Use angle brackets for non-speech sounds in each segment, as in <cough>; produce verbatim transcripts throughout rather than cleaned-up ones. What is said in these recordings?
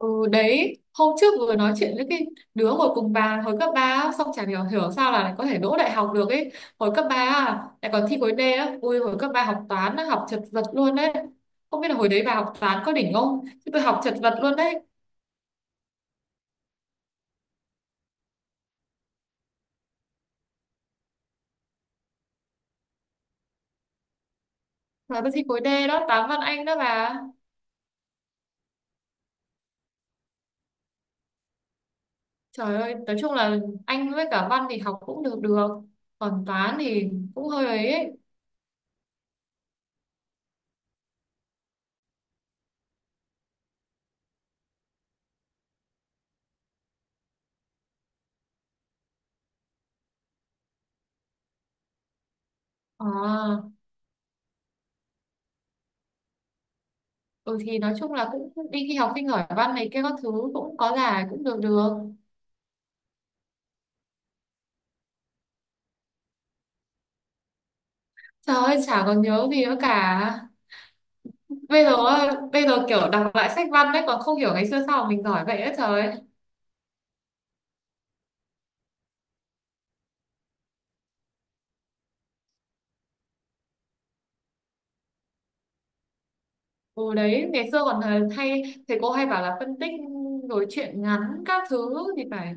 Ừ đấy, hôm trước vừa nói chuyện với cái đứa ngồi cùng bà hồi cấp ba á, xong chả hiểu hiểu sao là lại có thể đỗ đại học được ấy. Hồi cấp ba à, lại còn thi khối D á. Ui hồi cấp ba học toán á, học chật vật luôn đấy. Không biết là hồi đấy bà học toán có đỉnh không? Chứ tôi học chật vật luôn đấy. Và tôi thi khối D đó, toán văn Anh đó bà. Trời ơi, nói chung là Anh với cả văn thì học cũng được được. Còn toán thì cũng hơi ấy. ấy. À, ừ thì nói chung là cũng đi thi học sinh giỏi văn này kia các thứ cũng có giải cũng được được. Trời ơi, chả còn nhớ gì nữa cả. Bây giờ bây giờ kiểu đọc lại sách văn đấy còn không hiểu ngày xưa sao mà mình giỏi vậy ấy trời. ơi. Ừ đấy, ngày xưa còn ờ, hay thầy cô hay bảo là phân tích rồi truyện ngắn các thứ thì phải.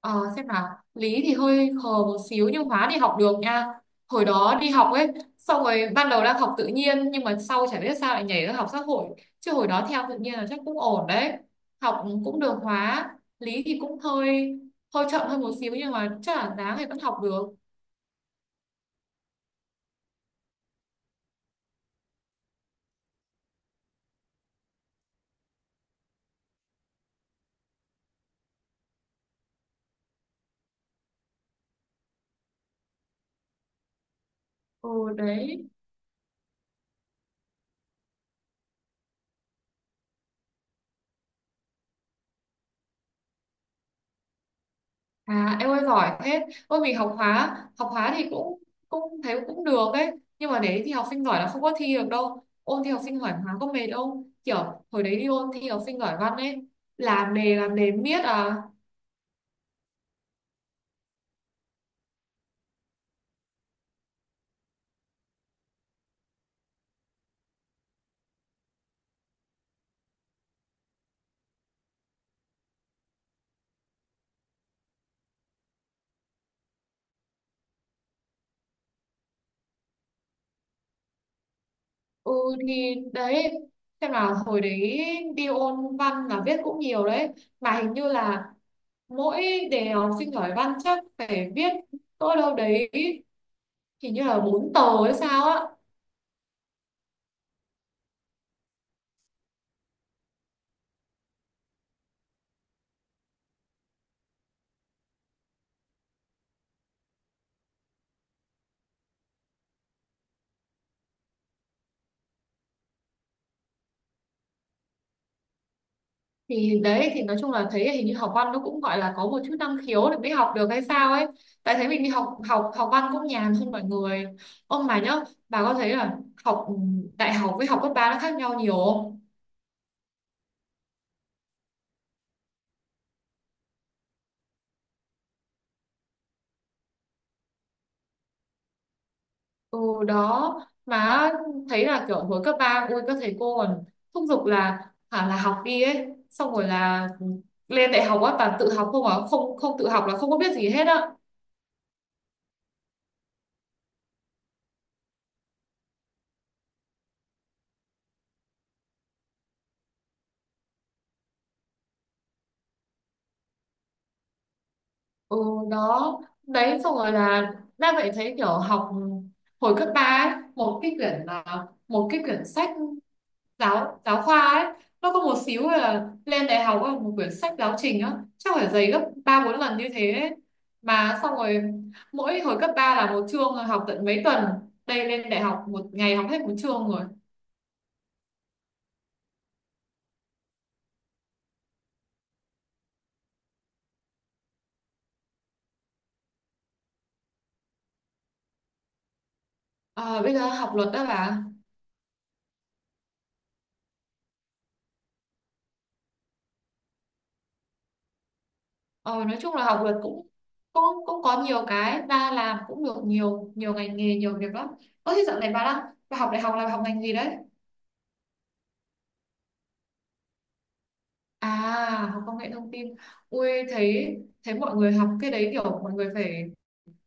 Ờ, xem nào, lý thì hơi khờ một xíu nhưng hóa thì học được nha, hồi đó đi học ấy, xong rồi ban đầu đang học tự nhiên nhưng mà sau chả biết sao lại nhảy ra học xã hội, chứ hồi đó theo tự nhiên là chắc cũng ổn đấy, học cũng được hóa, lý thì cũng hơi hơi chậm hơn một xíu nhưng mà chắc là đáng thì vẫn học được. Ừ đấy. À em ơi giỏi thế. Ôi mình học hóa. Học hóa thì cũng cũng thấy cũng được ấy. Nhưng mà đấy thì học sinh giỏi là không có thi được đâu. Ôn thi học sinh giỏi hóa có mệt không? Kiểu hồi đấy đi ôn thi học sinh giỏi văn ấy, làm đề làm đề miết à. Ừ thì đấy, xem nào, hồi đấy đi ôn văn là viết cũng nhiều đấy. Mà hình như là mỗi đề học sinh giỏi văn chắc phải viết, tôi đâu đấy hình như là bốn tờ hay sao á, thì đấy, thì nói chung là thấy hình như học văn nó cũng gọi là có một chút năng khiếu để mới học được hay sao ấy, tại thấy mình đi học học học văn cũng nhàn hơn mọi người. Ông mà nhớ, bà có thấy là học ừ, đại học với học cấp ba nó khác nhau nhiều không? Ừ đó, mà thấy là kiểu hồi cấp ba ui các thầy cô còn thúc giục là hả là học đi ấy, xong rồi là lên đại học á toàn tự học không, à không không tự học là không có biết gì hết á. Ừ, đó đấy, xong rồi là đang vậy thấy kiểu học, hồi cấp ba ấy, một cái quyển là một cái quyển sách giáo giáo khoa ấy nó có một xíu, là lên đại học ấy, một quyển sách giáo trình á chắc phải dày gấp ba bốn lần như thế ấy. Mà xong rồi mỗi hồi cấp ba là một chương học tận mấy tuần, đây lên đại học một ngày học hết một chương rồi. À, bây giờ học luật đó bà. Ờ, nói chung là học luật cũng cũng cũng có nhiều cái và làm cũng được nhiều nhiều ngành nghề nhiều việc lắm. Ơ thế dạo này bà đang, bà học đại học là bà học ngành gì đấy? À học công nghệ thông tin. Ui, thấy thấy mọi người học cái đấy kiểu mọi người phải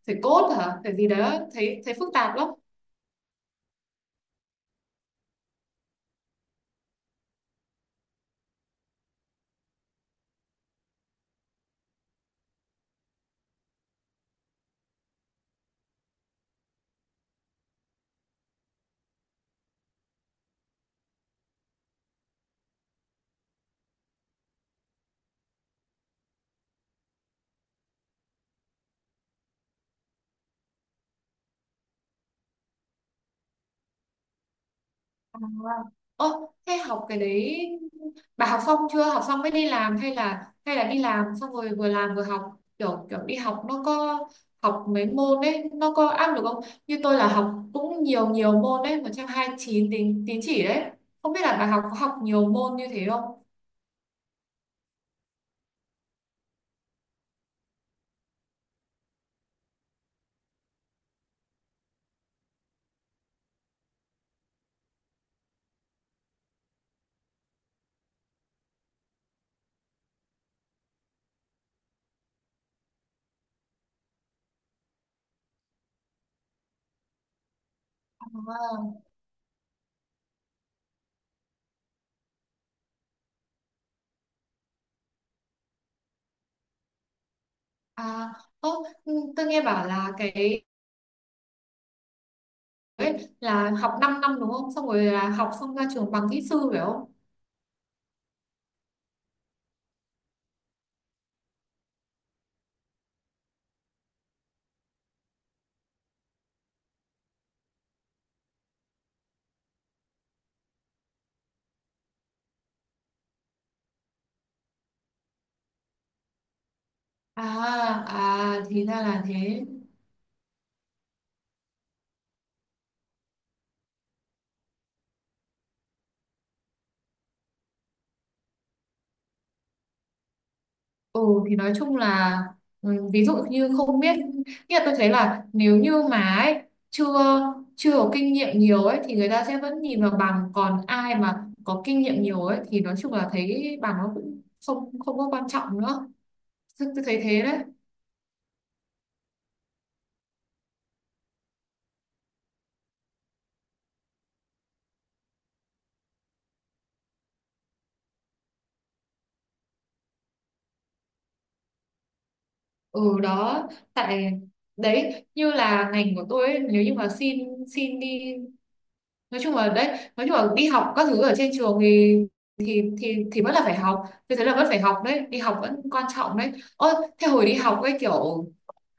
phải code hả? Phải gì đấy á, thấy thấy phức tạp lắm. À. Ô, thế học cái đấy bà học xong chưa? Học xong mới đi làm hay là hay là đi làm xong rồi vừa làm vừa học? Kiểu kiểu đi học nó có, học mấy môn đấy nó có áp lực không? Như tôi là học cũng nhiều nhiều môn đấy, một trăm hai mươi chín tín tín chỉ đấy. Không biết là bà học có học nhiều môn như thế không? À, à, ô, ừ, tôi nghe bảo là cái ấy, là học 5 năm đúng không? Xong rồi là học xong ra trường bằng kỹ sư phải không? À, à thì ra là thế. Ừ thì nói chung là ừ, ví dụ như không biết, nghĩa là tôi thấy là nếu như mà ấy, chưa chưa có kinh nghiệm nhiều ấy thì người ta sẽ vẫn nhìn vào bằng, còn ai mà có kinh nghiệm nhiều ấy thì nói chung là thấy bằng nó cũng không không có quan trọng nữa, tôi, tôi thấy thế đấy. Ừ đó, tại đấy như là ngành của tôi ấy, nếu như mà xin xin đi, nói chung là đấy, nói chung là đi học các thứ ở trên trường thì thì thì thì vẫn là phải học, như thế là vẫn phải học đấy, đi học vẫn quan trọng đấy. Ơ thế hồi đi học ấy kiểu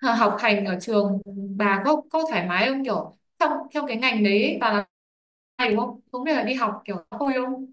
h- học hành ở trường, bà có có thoải mái không, kiểu trong trong cái ngành đấy bà là, hay đúng không, cũng như là đi học kiểu có vui không?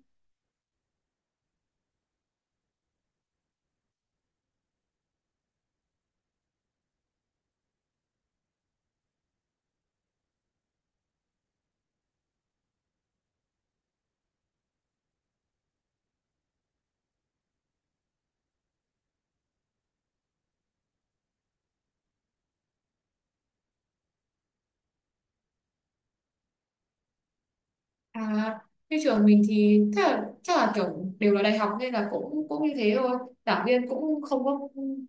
À, như trường mình thì chắc là, chắc là kiểu đều là đại học nên là cũng cũng như thế thôi. Giảng viên cũng không có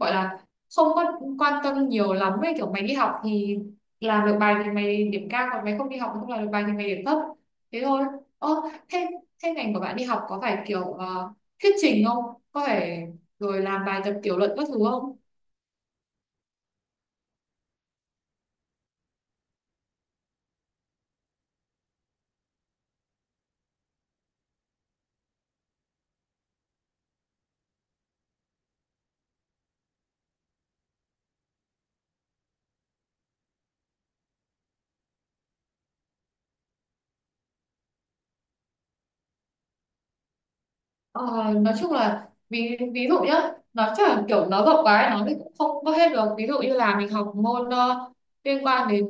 gọi là không có quan tâm nhiều lắm ấy, kiểu mày đi học thì làm được bài thì mày điểm cao, còn mày không đi học mà không làm được bài thì mày điểm thấp. Thế thôi. Ơ thế thế ngành của bạn đi học có phải kiểu ờ, thuyết trình không? Có phải rồi làm bài tập tiểu luận các thứ không? Ờ, nói chung là ví ví dụ nhá, nó chẳng kiểu nó rộng quá ấy, nó thì cũng không có hết được, ví dụ như là mình học môn ờ, liên quan đến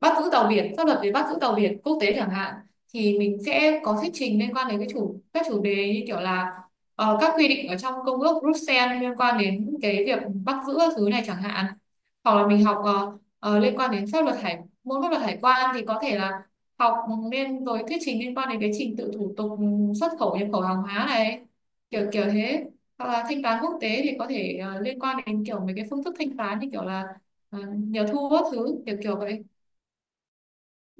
bắt giữ tàu biển, pháp luật về bắt giữ tàu biển quốc tế chẳng hạn, thì mình sẽ có thuyết trình liên quan đến cái chủ các chủ đề như kiểu là ờ, các quy định ở trong công ước Bruxelles liên quan đến cái việc bắt giữ các thứ này chẳng hạn, hoặc là mình học ờ, ờ, liên quan đến pháp luật hải môn pháp luật hải quan thì có thể là học liên rồi thuyết trình liên quan đến cái trình tự thủ tục xuất khẩu nhập khẩu hàng hóa này, kiểu kiểu thế, hoặc là thanh toán quốc tế thì có thể ờ, liên quan đến kiểu mấy cái phương thức thanh toán như kiểu là ờ, nhiều thu các thứ kiểu kiểu vậy,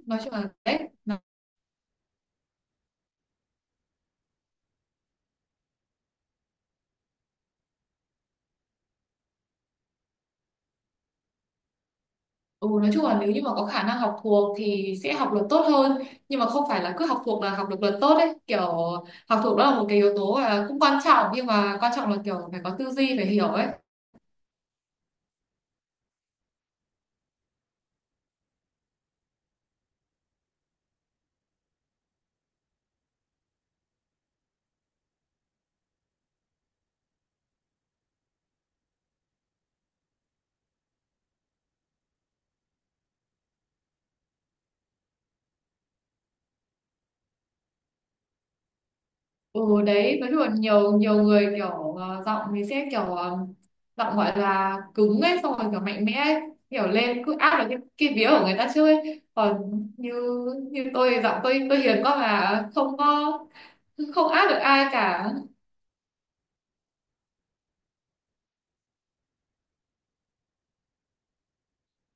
nói chung là đấy nó- ừ, nói chung là nếu như mà có khả năng học thuộc thì sẽ học được tốt hơn, nhưng mà không phải là cứ học thuộc là học được luật tốt đấy, kiểu học thuộc đó là một cái yếu tố và cũng quan trọng nhưng mà quan trọng là kiểu phải có tư duy, phải hiểu ấy. Ừ đấy, nói chung là nhiều nhiều người kiểu ờ, giọng thì sẽ kiểu ờ, giọng gọi là cứng ấy, xong rồi kiểu mạnh mẽ ấy, kiểu lên cứ áp được cái, cái vía của người ta trước ấy. Còn như như tôi thì giọng tôi tôi hiền quá mà không có không áp được ai cả.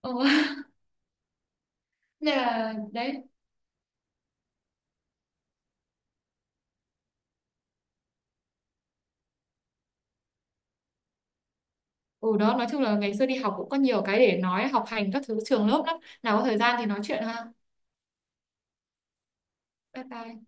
Ừ. <laughs> Nên là đấy. Ừ đó, nói chung là ngày xưa đi học cũng có nhiều cái để nói, học hành các thứ trường lớp lắm. Nào có thời gian thì nói chuyện ha. Bye bye.